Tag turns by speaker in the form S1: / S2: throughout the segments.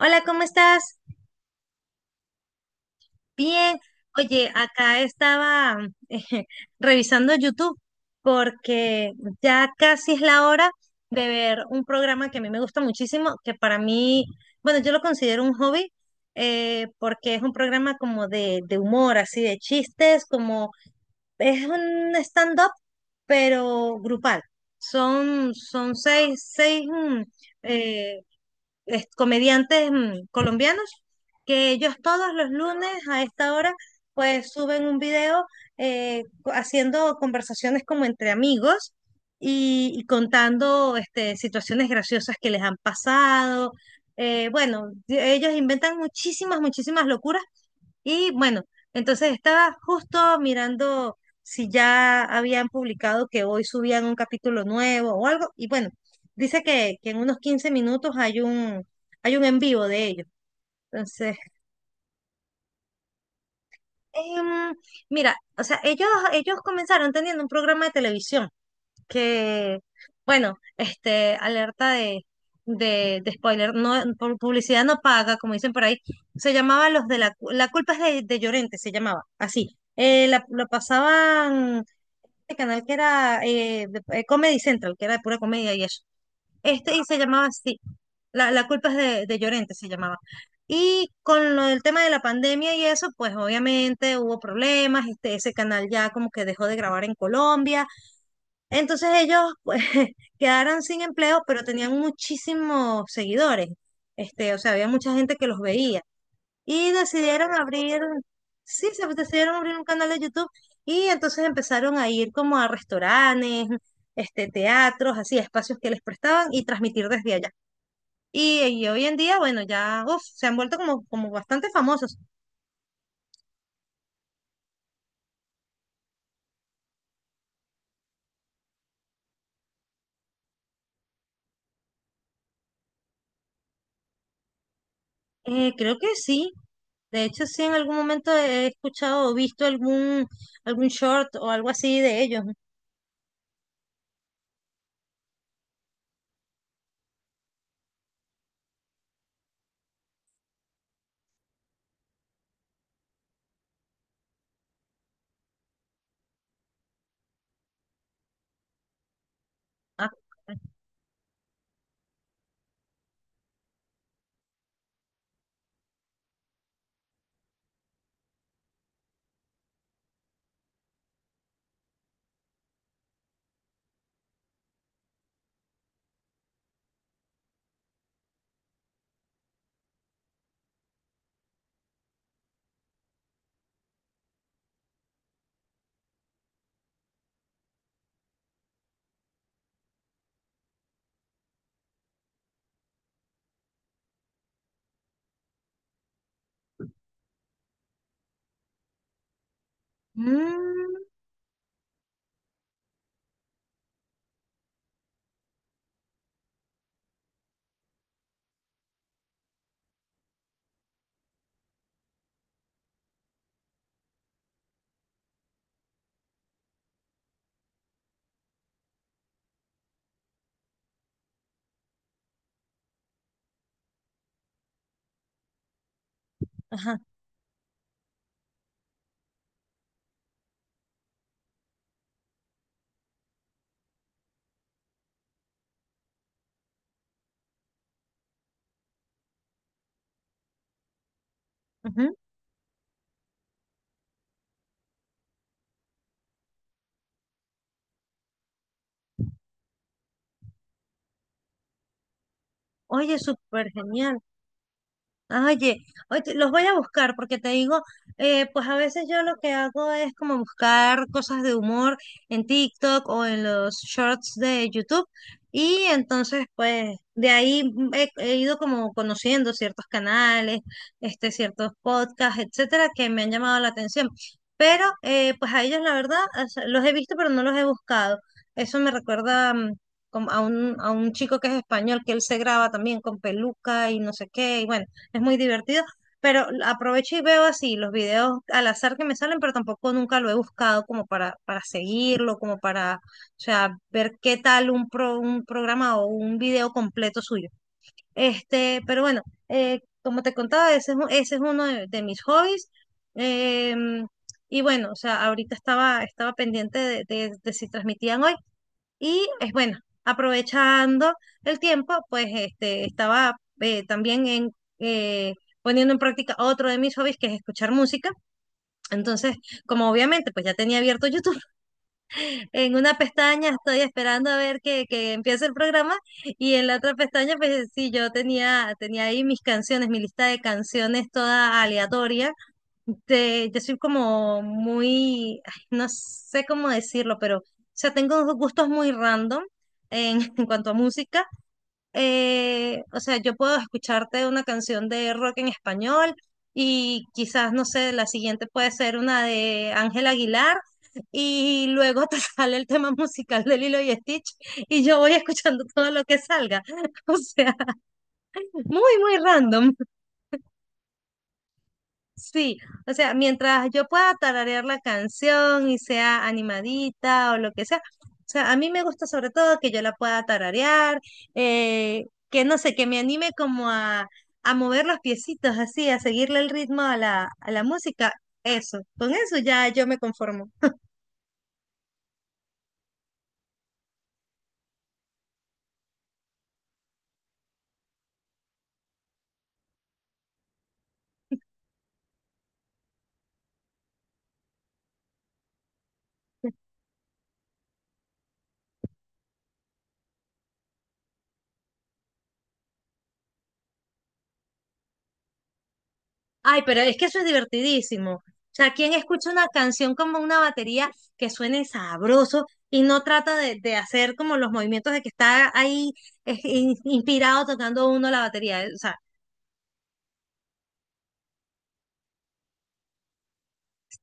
S1: Hola, ¿cómo estás? Bien. Oye, acá estaba eh, revisando YouTube porque ya casi es la hora de ver un programa que a mí me gusta muchísimo, que para mí, bueno, yo lo considero un hobby, porque es un programa como de humor, así de chistes, como es un stand-up, pero grupal. Son seis eh, comediantes, colombianos, que ellos todos los lunes a esta hora pues suben un video, haciendo conversaciones como entre amigos y contando este, situaciones graciosas que les han pasado. Bueno, ellos inventan muchísimas, muchísimas locuras, y bueno, entonces estaba justo mirando si ya habían publicado, que hoy subían un capítulo nuevo o algo. Y bueno, dice que en unos 15 minutos hay un en vivo de ellos. Entonces, em, mira, o sea, ellos comenzaron teniendo un programa de televisión. Que, bueno, este, alerta de spoiler, no, por publicidad no paga, como dicen por ahí, se llamaba Los de la, la culpa es de Llorente, se llamaba, así. Lo pasaban este canal que era, Comedy Central, que era de pura comedia y eso. Este, y se llamaba así, la culpa es de Llorente, se llamaba. Y con lo del tema de la pandemia y eso, pues obviamente hubo problemas, este, ese canal ya como que dejó de grabar en Colombia, entonces ellos pues, quedaron sin empleo, pero tenían muchísimos seguidores. Este, o sea, había mucha gente que los veía. Y decidieron abrir, sí, se decidieron abrir un canal de YouTube, y entonces empezaron a ir como a restaurantes, este, teatros, así, espacios que les prestaban, y transmitir desde allá. Y hoy en día, bueno, ya uf, se han vuelto como, como bastante famosos. Creo que sí. De hecho, sí, en algún momento he escuchado o visto algún short o algo así de ellos. Ah. Mm. Ajá. Ujú. Oye, súper genial. Oye, oye, los voy a buscar, porque te digo, pues a veces yo lo que hago es como buscar cosas de humor en TikTok o en los shorts de YouTube, y entonces pues de ahí he ido como conociendo ciertos canales, este, ciertos podcasts, etcétera, que me han llamado la atención. Pero pues a ellos la verdad, o sea, los he visto pero no los he buscado. Eso me recuerda, como a un chico que es español, que él se graba también con peluca y no sé qué, y bueno, es muy divertido, pero aprovecho y veo así los videos al azar que me salen, pero tampoco nunca lo he buscado como para, seguirlo, como para, o sea, ver qué tal un, un programa o un video completo suyo. Este, pero bueno, como te contaba, ese es, ese es uno de mis hobbies. em, y bueno, o sea, ahorita estaba pendiente de si transmitían hoy. Y es bueno, aprovechando el tiempo, pues este, estaba también en, eh, poniendo en práctica otro de mis hobbies, que es escuchar música. Entonces, como obviamente, pues ya tenía abierto YouTube, en una pestaña estoy esperando a ver que empiece el programa, y en la otra pestaña, pues sí, yo tenía, ahí mis canciones, mi lista de canciones toda aleatoria. De, yo soy como muy, ay, no sé cómo decirlo, pero, o sea, tengo unos gustos muy random en, en cuanto a música. O sea, yo puedo escucharte una canción de rock en español, y quizás, no sé, la siguiente puede ser una de Ángel Aguilar, y luego te sale el tema musical de Lilo y Stitch, y yo voy escuchando todo lo que salga. O sea, muy, muy random. Sí, o sea, mientras yo pueda tararear la canción y sea animadita o lo que sea, o sea, a mí me gusta sobre todo que yo la pueda tararear, eh, que no sé, que me anime como a mover los piecitos así, a seguirle el ritmo a la música. Eso, con eso ya yo me conformo. Ay, pero es que eso es divertidísimo. O sea, ¿quién escucha una canción como una batería que suene sabroso y no trata de hacer como los movimientos de que está ahí, inspirado, tocando uno la batería? O sea,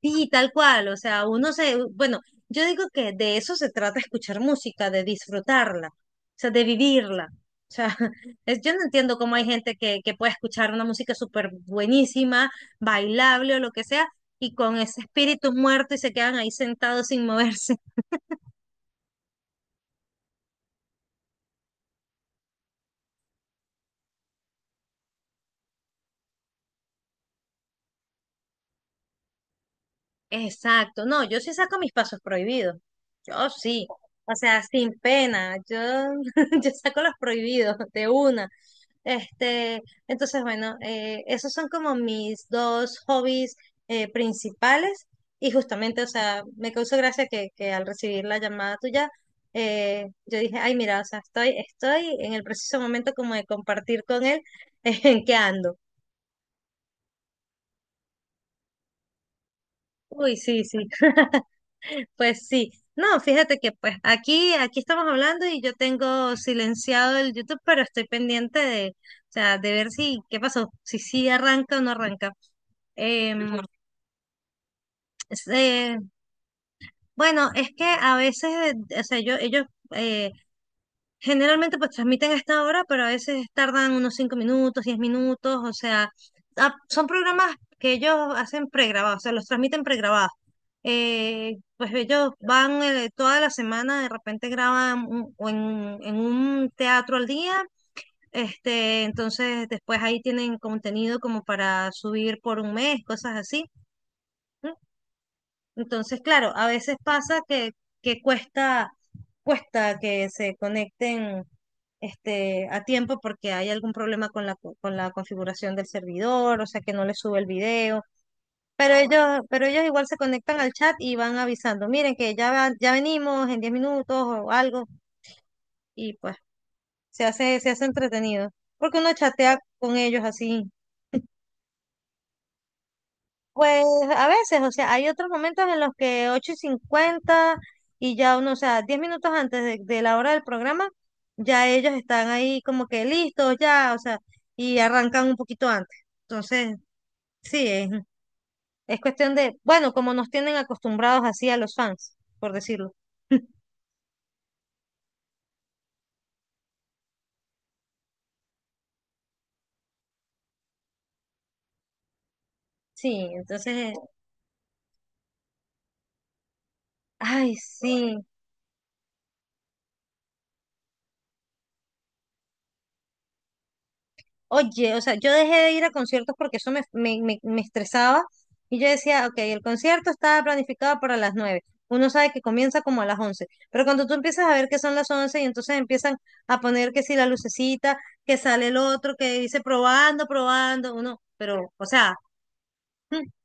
S1: sí, tal cual. O sea, uno se, bueno, yo digo que de eso se trata escuchar música, de disfrutarla, o sea, de vivirla. O sea, es, yo no entiendo cómo hay gente que puede escuchar una música súper buenísima, bailable o lo que sea, y con ese espíritu muerto y se quedan ahí sentados sin moverse. Exacto, no, yo sí saco mis pasos prohibidos, yo sí, o sea, sin pena, yo, yo saco los prohibidos de una. Este, entonces, bueno, esos son como mis dos hobbies principales, y justamente, o sea, me causó gracia que al recibir la llamada tuya, yo dije, ay, mira, o sea, estoy en el preciso momento como de compartir con él, en qué ando. Uy, sí, sí, pues sí. No, fíjate que pues aquí estamos hablando y yo tengo silenciado el YouTube, pero estoy pendiente de, o sea, de ver si, qué pasó, si sí arranca o no arranca. Em, Es, eh, bueno, es que a veces, o sea, yo, ellos eh, generalmente pues transmiten a esta hora, pero a veces tardan unos 5 minutos, 10 minutos, o sea, ah, son programas que ellos hacen pregrabados, o sea, los transmiten pregrabados. Pues ellos van, toda la semana, de repente graban o en un teatro al día. Este, entonces después ahí tienen contenido como para subir por un mes, cosas así. Entonces, claro, a veces pasa que cuesta que se conecten, este, a tiempo, porque hay algún problema con la configuración del servidor, o sea que no les sube el video. Pero ellos igual se conectan al chat y van avisando, miren que ya, ya venimos en 10 minutos o algo, y pues se hace entretenido. Porque uno chatea con ellos así. Pues a veces, o sea, hay otros momentos en los que 8:50, y ya uno, o sea, 10 minutos antes de la hora del programa, ya ellos están ahí como que listos ya, o sea, y arrancan un poquito antes. Entonces, sí, es cuestión de, bueno, como nos tienen acostumbrados así a los fans, por decirlo. Sí, entonces, ay, sí. Oye, o sea, yo dejé de ir a conciertos porque eso me estresaba, y yo decía, ok, el concierto estaba planificado para las nueve. Uno sabe que comienza como a las once, pero cuando tú empiezas a ver que son las 11 y entonces empiezan a poner que si la lucecita, que sale el otro, que dice probando, probando, uno, pero, o sea,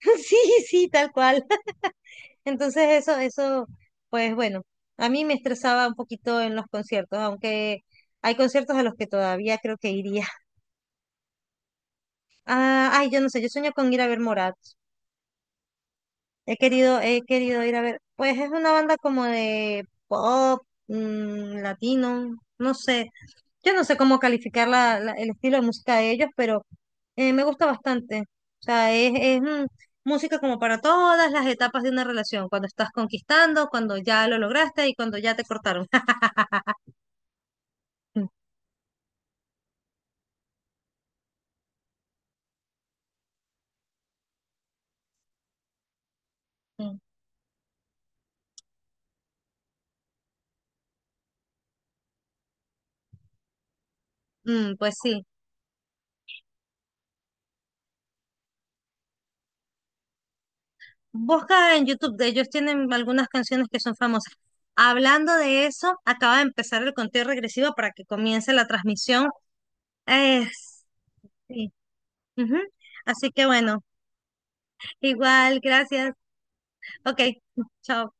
S1: sí, sí, tal cual. Entonces eso, pues bueno, a mí me estresaba un poquito en los conciertos, aunque hay conciertos a los que todavía creo que iría. Ah, ay, yo no sé, yo sueño con ir a ver Morat. He querido ir a ver. Pues es una banda como de pop, latino, no sé. Yo no sé cómo calificar el estilo de música de ellos, pero me gusta bastante. O sea, es, es, música como para todas las etapas de una relación, cuando estás conquistando, cuando ya lo lograste y cuando ya te cortaron. Mm, pues sí. Busca en YouTube, de ellos tienen algunas canciones que son famosas. Hablando de eso, acaba de empezar el conteo regresivo para que comience la transmisión. Eh, sí. Ujú. Así que bueno, igual, gracias. Ok, chao.